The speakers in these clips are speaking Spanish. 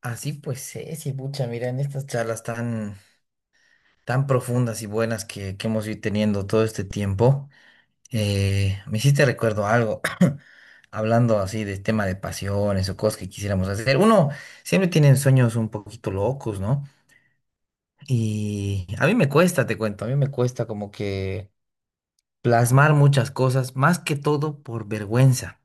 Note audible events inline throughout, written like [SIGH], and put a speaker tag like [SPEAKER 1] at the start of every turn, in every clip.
[SPEAKER 1] Así pues es, y pucha, mira, en estas charlas tan profundas y buenas que hemos ido teniendo todo este tiempo, me hiciste recuerdo algo, [CLEARS THROAT] hablando así de tema de pasiones o cosas que quisiéramos hacer. Uno siempre tiene sueños un poquito locos, ¿no? Y a mí me cuesta, te cuento, a mí me cuesta como que plasmar muchas cosas, más que todo por vergüenza.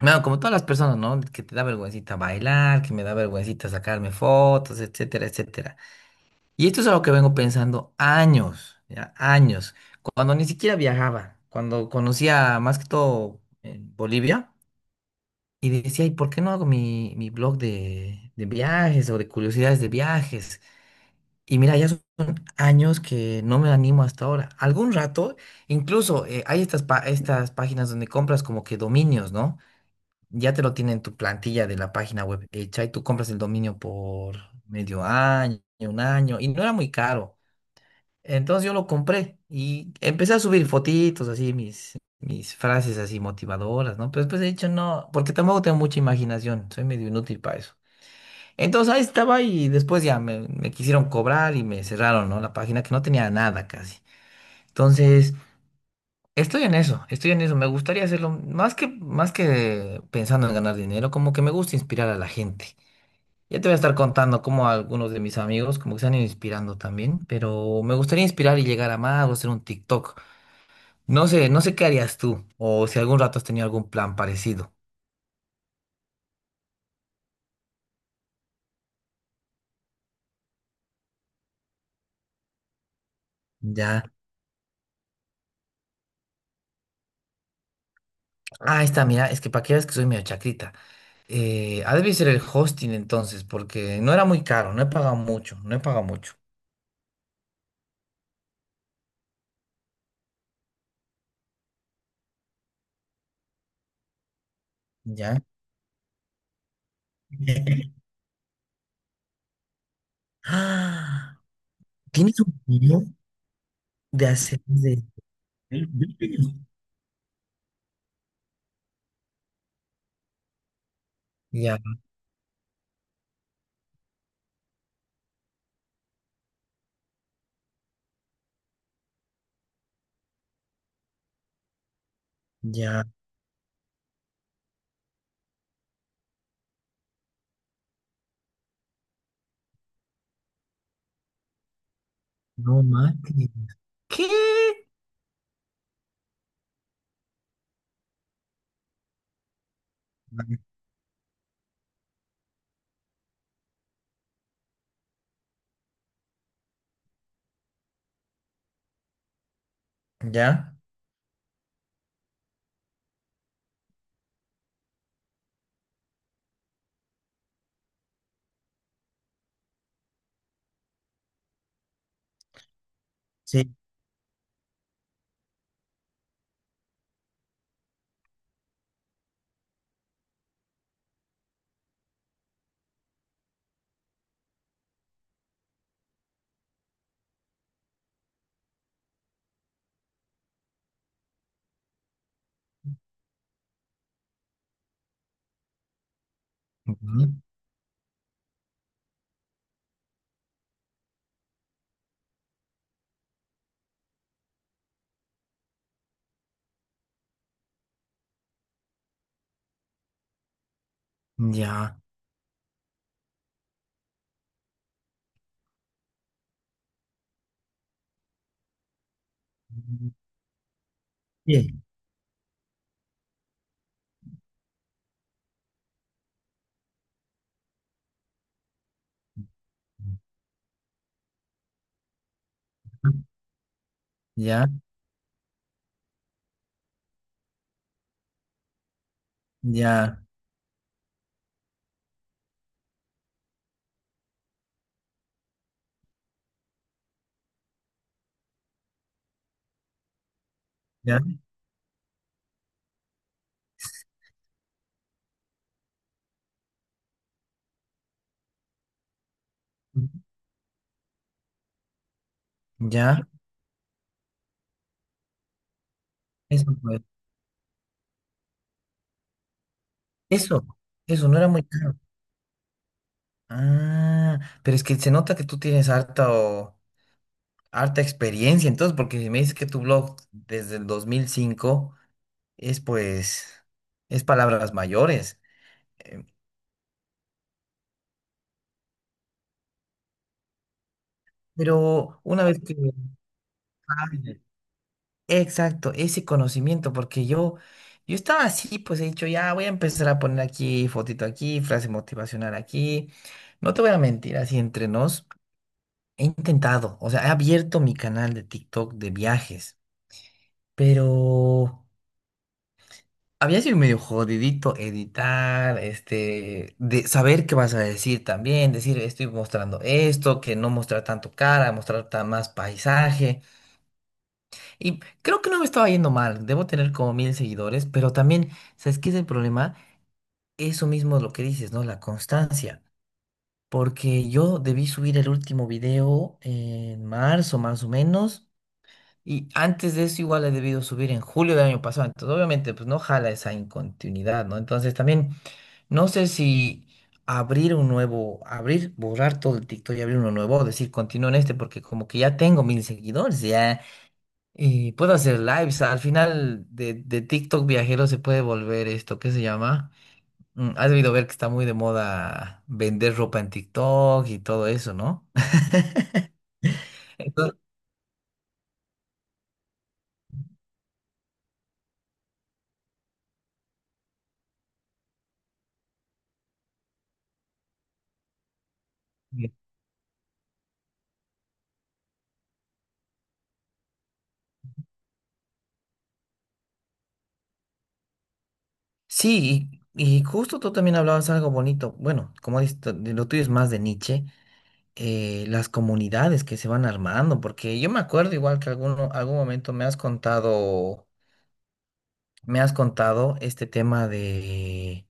[SPEAKER 1] No, como todas las personas, ¿no? Que te da vergüencita bailar, que me da vergüencita sacarme fotos, etcétera, etcétera. Y esto es algo que vengo pensando años, ya, años, cuando ni siquiera viajaba, cuando conocía más que todo Bolivia y decía, ¿y por qué no hago mi blog de viajes o de curiosidades de viajes? Y mira, ya son años que no me animo hasta ahora. Algún rato, incluso hay estas páginas donde compras como que dominios, ¿no? Ya te lo tienen tu plantilla de la página web hecha y tú compras el dominio por medio año, un año, y no era muy caro. Entonces yo lo compré y empecé a subir fotitos, así mis frases así motivadoras, ¿no? Pero después he dicho, no, porque tampoco tengo mucha imaginación, soy medio inútil para eso. Entonces ahí estaba y después ya me quisieron cobrar y me cerraron, ¿no? La página que no tenía nada casi. Entonces, estoy en eso, estoy en eso. Me gustaría hacerlo más que pensando en ganar dinero, como que me gusta inspirar a la gente. Ya te voy a estar contando cómo algunos de mis amigos como que se han ido inspirando también, pero me gustaría inspirar y llegar a más o hacer un TikTok. No sé, no sé qué harías tú, o si algún rato has tenido algún plan parecido. Ya. Ah, ahí está, mira, es que para que veas que soy medio chacrita. Ha de ser el hosting entonces, porque no era muy caro, no he pagado mucho, no he pagado mucho. Ya. [GASPS] [LAUGHS] Ah, ¿tienes un video de hacer de...? ¿El video? Ya, ya, no mames. ¿Qué? Ya, sí. Ujú, ya. Bien. Ya, ya, ya. Ya, eso pues. Eso, eso no era muy caro. Ah, pero es que se nota que tú tienes harta harta experiencia, entonces, porque si me dices que tu blog desde el 2005 es pues, es palabras mayores. Eh, Pero una vez que... Ah, exacto, ese conocimiento, porque yo estaba así, pues he dicho, ya voy a empezar a poner aquí fotito aquí, frase motivacional aquí. No te voy a mentir, así entre nos. He intentado, o sea, he abierto mi canal de TikTok de viajes, pero había sido medio jodidito editar, este, de saber qué vas a decir también, decir estoy mostrando esto, que no mostrar tanto cara, mostrar más paisaje. Y creo que no me estaba yendo mal, debo tener como 1.000 seguidores, pero también, ¿sabes qué es el problema? Eso mismo es lo que dices, ¿no? La constancia. Porque yo debí subir el último video en marzo, más o menos. Y antes de eso igual he debido subir en julio del año pasado. Entonces, obviamente, pues no jala esa incontinuidad, ¿no? Entonces también no sé si abrir un nuevo, abrir, borrar todo el TikTok y abrir uno nuevo, o decir continúo en este, porque como que ya tengo 1.000 seguidores, ya, y puedo hacer lives. Al final de TikTok viajero se puede volver esto, ¿qué se llama? Has debido ver que está muy de moda vender ropa en TikTok y todo eso, ¿no? [LAUGHS] Entonces, sí, y justo tú también hablabas algo bonito. Bueno, como dices, tú, lo tuyo es más de Nietzsche, las comunidades que se van armando, porque yo me acuerdo igual que algún momento me has contado este tema de,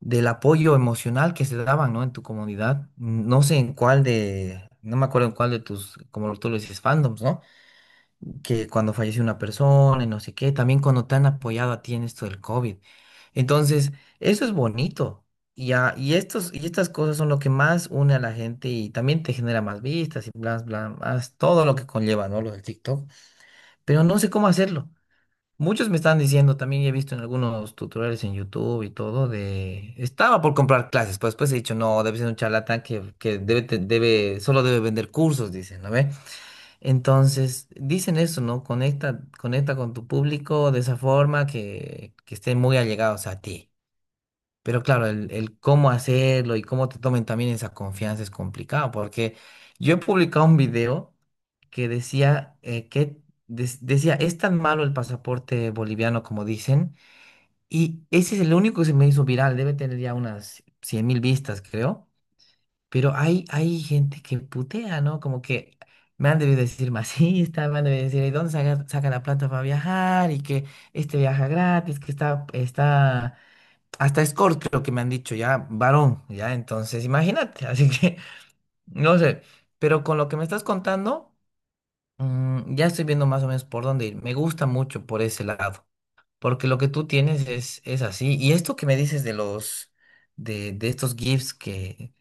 [SPEAKER 1] del apoyo emocional que se daban, ¿no? En tu comunidad. No sé en cuál de, no me acuerdo en cuál de tus, como tú lo dices, fandoms, ¿no? Que cuando fallece una persona y no sé qué, también cuando te han apoyado a ti en esto del COVID. Entonces, eso es bonito. Y estas cosas son lo que más une a la gente y también te genera más vistas y bla, bla, más todo lo que conlleva, ¿no? Lo del TikTok. Pero no sé cómo hacerlo. Muchos me están diciendo, también he visto en algunos tutoriales en YouTube y todo, de... Estaba por comprar clases, pero después he dicho, no, debe ser un charlatán que solo debe vender cursos, dicen, ¿no? Entonces, dicen eso, ¿no? Conecta, conecta con tu público de esa forma que estén muy allegados a ti. Pero claro, el cómo hacerlo y cómo te tomen también esa confianza es complicado, porque yo he publicado un video que decía, es tan malo el pasaporte boliviano como dicen, y ese es el único que se me hizo viral, debe tener ya unas 100.000 vistas, creo. Pero hay gente que putea, ¿no? Como que me han debido decir masista, me han debido decir, ¿y dónde saca la plata para viajar? Y que este viaja gratis, que está, hasta escort creo que me han dicho, ya, varón, ya, entonces imagínate, [LAUGHS] así que, no sé, pero con lo que me estás contando, ya estoy viendo más o menos por dónde ir. Me gusta mucho por ese lado, porque lo que tú tienes es así. Y esto que me dices de los, de estos GIFs que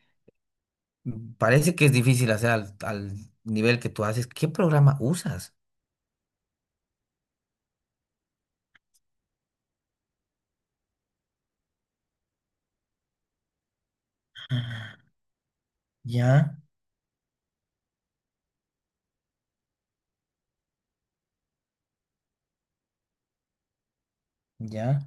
[SPEAKER 1] parece que es difícil hacer al nivel que tú haces. ¿Qué programa usas? Ya, ya,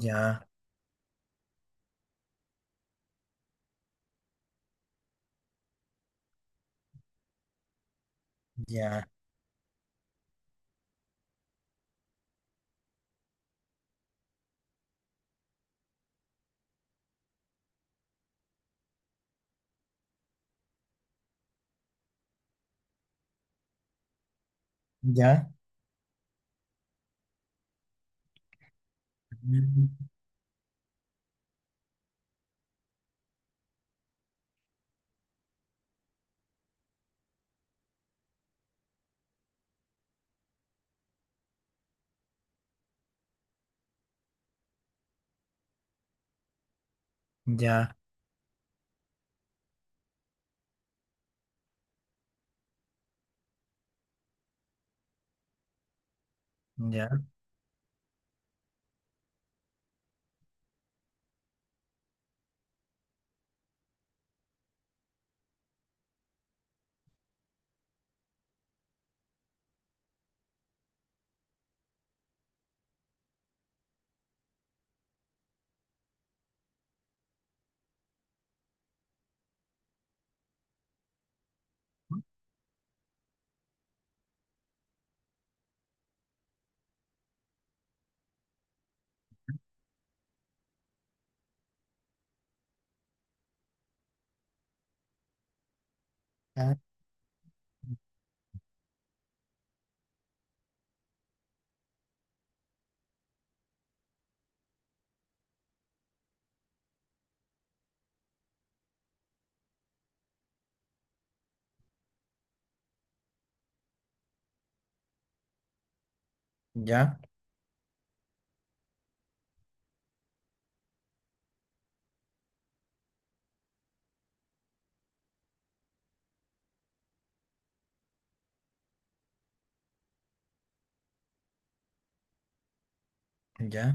[SPEAKER 1] ya, ya, ya, ya, ya, ya, ya, ya.